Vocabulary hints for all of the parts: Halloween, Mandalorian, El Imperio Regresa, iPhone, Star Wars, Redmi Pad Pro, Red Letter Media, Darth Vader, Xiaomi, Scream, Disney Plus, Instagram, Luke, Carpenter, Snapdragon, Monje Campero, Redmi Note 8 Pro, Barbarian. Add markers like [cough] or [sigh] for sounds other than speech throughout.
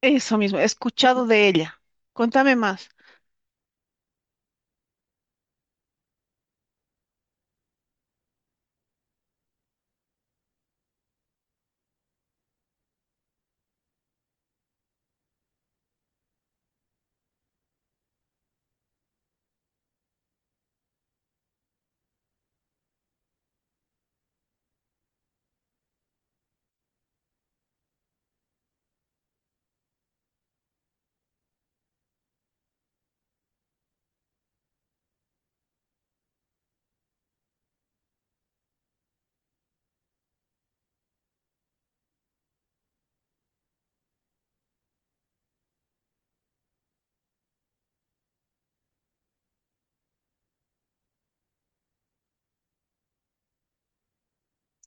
Eso mismo, he escuchado de ella. Contame más.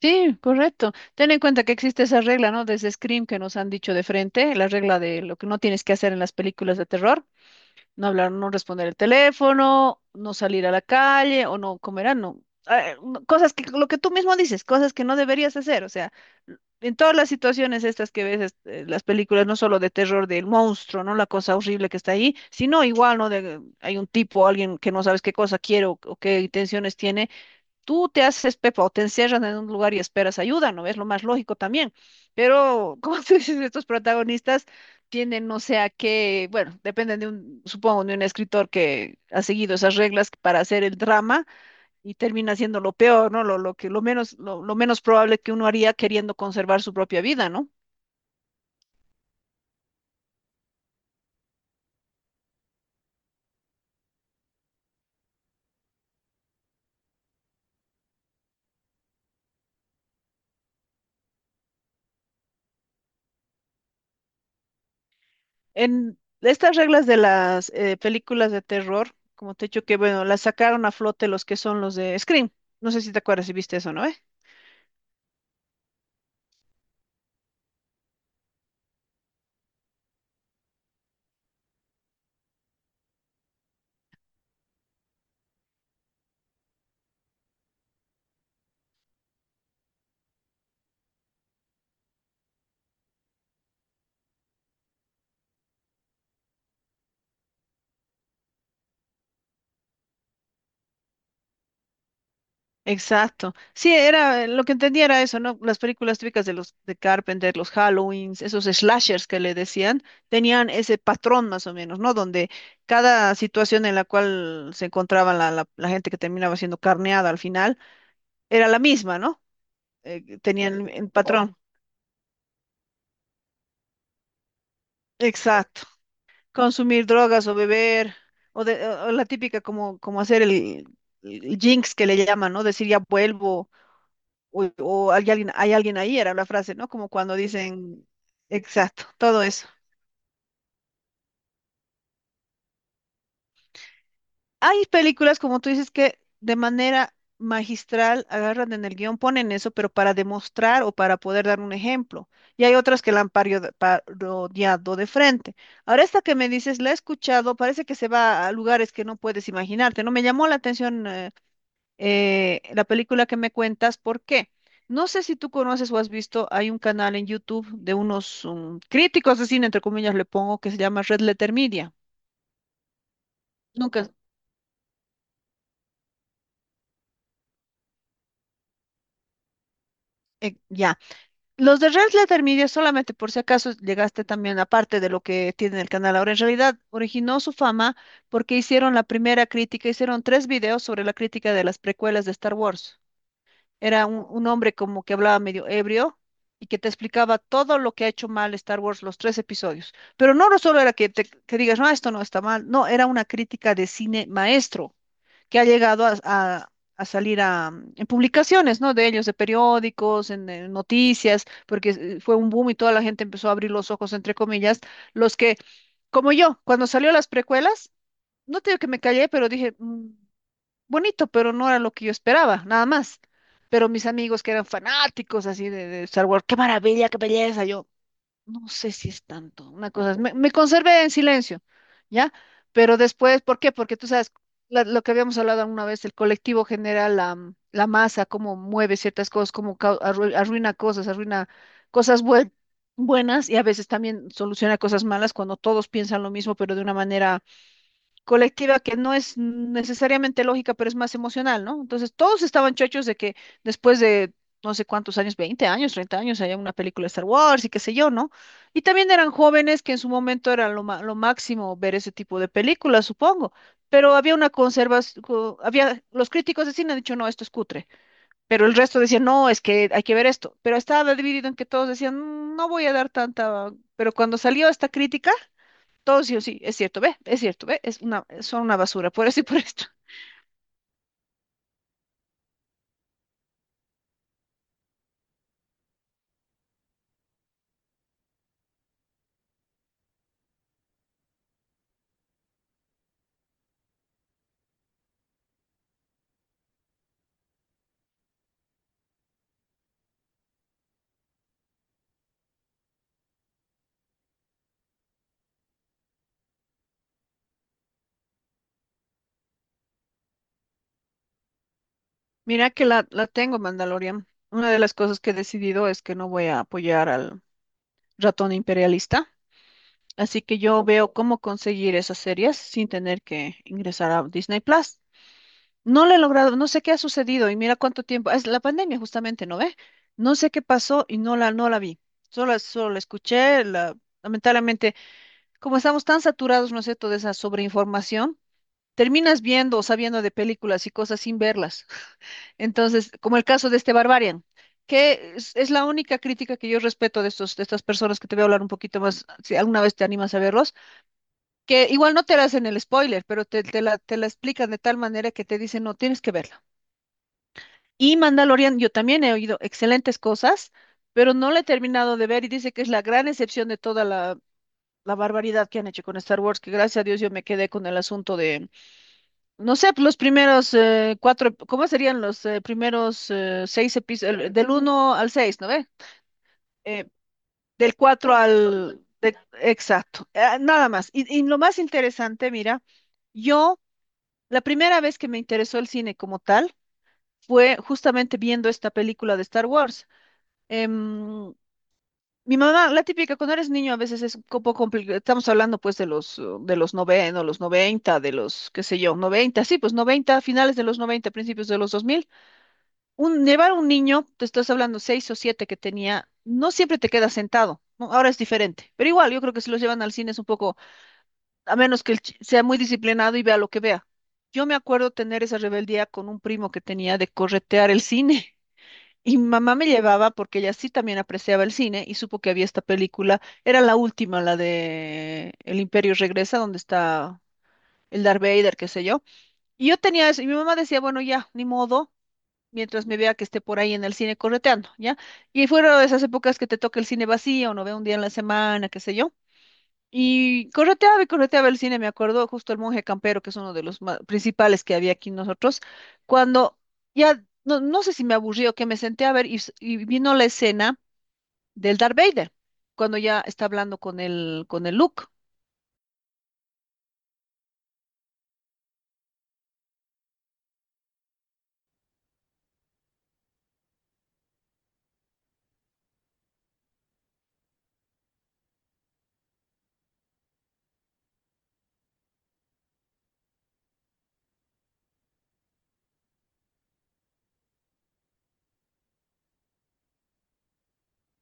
Sí, correcto. Ten en cuenta que existe esa regla, ¿no? Desde Scream que nos han dicho de frente, la regla de lo que no tienes que hacer en las películas de terror. No hablar, no responder el teléfono, no salir a la calle o no comer, ah, no. Ah, no, cosas que, lo que tú mismo dices, cosas que no deberías hacer, o sea, en todas las situaciones estas que ves, las películas, no solo de terror del monstruo, ¿no? La cosa horrible que está ahí, sino igual, ¿no? Hay un tipo, alguien que no sabes qué cosa quiere o qué intenciones tiene. Tú te haces pepa o te encierran en un lugar y esperas ayuda, ¿no? Es lo más lógico también. Pero, [laughs] como tú dices, estos protagonistas tienen, no sé a qué, bueno, dependen de un, supongo, de un escritor que ha seguido esas reglas para hacer el drama y termina siendo lo peor, ¿no? Lo que, lo menos, lo menos probable que uno haría queriendo conservar su propia vida, ¿no? En estas reglas de las películas de terror, como te he dicho que, bueno, las sacaron a flote los que son los de Scream. No sé si te acuerdas si viste eso, ¿no? Exacto. Sí, era lo que entendía era eso, ¿no? Las películas típicas de los de Carpenter, los Halloweens, esos slashers que le decían, tenían ese patrón más o menos, ¿no? Donde cada situación en la cual se encontraba la gente que terminaba siendo carneada al final era la misma, ¿no? Tenían el oh, patrón. Exacto. Consumir drogas o beber, o la típica como hacer el jinx que le llaman, ¿no? Decir ya vuelvo, o hay alguien ahí, era la frase, ¿no? Como cuando dicen, exacto, todo eso. Hay películas, como tú dices, que de manera magistral agarran en el guión, ponen eso, pero para demostrar o para poder dar un ejemplo. Y hay otras que la han parodiado de frente. Ahora, esta que me dices, la he escuchado, parece que se va a lugares que no puedes imaginarte, ¿no? Me llamó la atención la película que me cuentas, ¿por qué? No sé si tú conoces o has visto, hay un canal en YouTube de unos críticos de cine, entre comillas le pongo, que se llama Red Letter Media. Nunca, ya. Los de Red Letter Media, solamente por si acaso llegaste también, aparte de lo que tiene el canal ahora, en realidad originó su fama porque hicieron la primera crítica, hicieron tres videos sobre la crítica de las precuelas de Star Wars. Era un hombre como que hablaba medio ebrio y que te explicaba todo lo que ha hecho mal Star Wars, los tres episodios. Pero no solo era que, te, que digas, no, esto no está mal, no, era una crítica de cine maestro que ha llegado a salir a, en publicaciones, ¿no? De ellos, de periódicos, en, noticias, porque fue un boom y toda la gente empezó a abrir los ojos, entre comillas, los que, como yo, cuando salió las precuelas, no te digo que me callé, pero dije... Bonito, pero no era lo que yo esperaba, nada más." Pero mis amigos que eran fanáticos así de Star Wars, qué maravilla, qué belleza. Yo no sé si es tanto, una cosa, me conservé en silencio, ¿ya? Pero después, ¿por qué? Porque tú sabes, lo que habíamos hablado alguna vez, el colectivo genera la masa, cómo mueve ciertas cosas, cómo arruina cosas, arruina cosas buenas y a veces también soluciona cosas malas cuando todos piensan lo mismo, pero de una manera colectiva que no es necesariamente lógica, pero es más emocional, ¿no? Entonces todos estaban chochos de que después de no sé cuántos años, 20 años, 30 años, haya una película de Star Wars y qué sé yo, ¿no? Y también eran jóvenes que en su momento era lo máximo ver ese tipo de películas, supongo. Pero había una conservación, había, los críticos de cine han dicho, no, esto es cutre, pero el resto decían, no, es que hay que ver esto. Pero estaba dividido en que todos decían, No voy a dar tanta", pero cuando salió esta crítica, todo sí o sí, es cierto, ve, es cierto, ve, es una, son una basura, por eso y por esto. [laughs] Mira que la tengo, Mandalorian. Una de las cosas que he decidido es que no voy a apoyar al ratón imperialista, así que yo veo cómo conseguir esas series sin tener que ingresar a Disney Plus. No lo he logrado, no sé qué ha sucedido y mira cuánto tiempo, es la pandemia justamente, ¿no ve? No sé qué pasó y no la, no la vi. Solo la escuché, lamentablemente, como estamos tan saturados, ¿no es cierto?, de esa sobreinformación. Terminas viendo o sabiendo de películas y cosas sin verlas. Entonces, como el caso de este Barbarian, que es la única crítica que yo respeto de estos, de estas personas que te voy a hablar un poquito más, si alguna vez te animas a verlos, que igual no te la hacen el spoiler, pero te la explican de tal manera que te dicen, no, tienes que verla. Y Mandalorian, yo también he oído excelentes cosas, pero no la he terminado de ver y dice que es la gran excepción de toda la, la barbaridad que han hecho con Star Wars, que gracias a Dios yo me quedé con el asunto de no sé, los primeros cuatro, ¿cómo serían los primeros seis episodios? Del uno al seis, ¿no ve? Eh, del cuatro al... exacto, nada más. Y lo más interesante, mira, yo, la primera vez que me interesó el cine como tal fue justamente viendo esta película de Star Wars. Em, mi mamá, la típica, cuando eres niño a veces es un poco complicado, estamos hablando pues de los noventa o los noventa, de los, qué sé yo, noventa, sí, pues noventa, finales de los noventa, principios de los 2000. Un, llevar un niño, te estás hablando seis o siete que tenía, no siempre te queda sentado, ¿no? Ahora es diferente, pero igual yo creo que si los llevan al cine es un poco, a menos que sea muy disciplinado y vea lo que vea. Yo me acuerdo tener esa rebeldía con un primo que tenía de corretear el cine. [laughs] Y mi mamá me llevaba porque ella sí también apreciaba el cine y supo que había esta película. Era la última, la de El Imperio Regresa, donde está el Darth Vader, qué sé yo. Y yo tenía eso, y mi mamá decía, bueno, ya, ni modo, mientras me vea que esté por ahí en el cine correteando, ¿ya? Y fuera de esas épocas que te toca el cine vacío, no veo un día en la semana, qué sé yo. Y correteaba el cine, me acuerdo justo el Monje Campero, que es uno de los principales que había aquí nosotros, cuando ya, no, no sé si me aburrió que me senté a ver y vino la escena del Darth Vader, cuando ya está hablando con el Luke.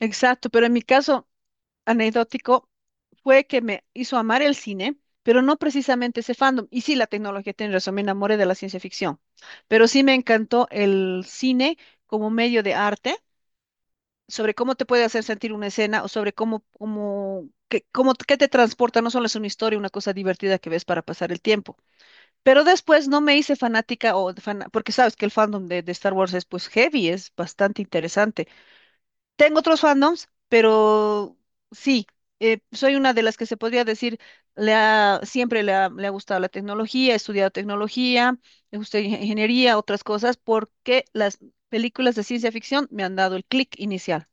Exacto, pero en mi caso, anecdótico, fue que me hizo amar el cine, pero no precisamente ese fandom. Y sí, la tecnología tiene razón, me enamoré de la ciencia ficción, pero sí me encantó el cine como medio de arte, sobre cómo te puede hacer sentir una escena o sobre cómo, cómo, qué te transporta, no solo es una historia, una cosa divertida que ves para pasar el tiempo. Pero después no me hice fanática o porque sabes que el fandom de Star Wars es pues heavy, es bastante interesante. Tengo otros fandoms, pero sí, soy una de las que se podría decir, siempre le ha gustado la tecnología, he estudiado tecnología, he gustado ingeniería, otras cosas, porque las películas de ciencia ficción me han dado el clic inicial.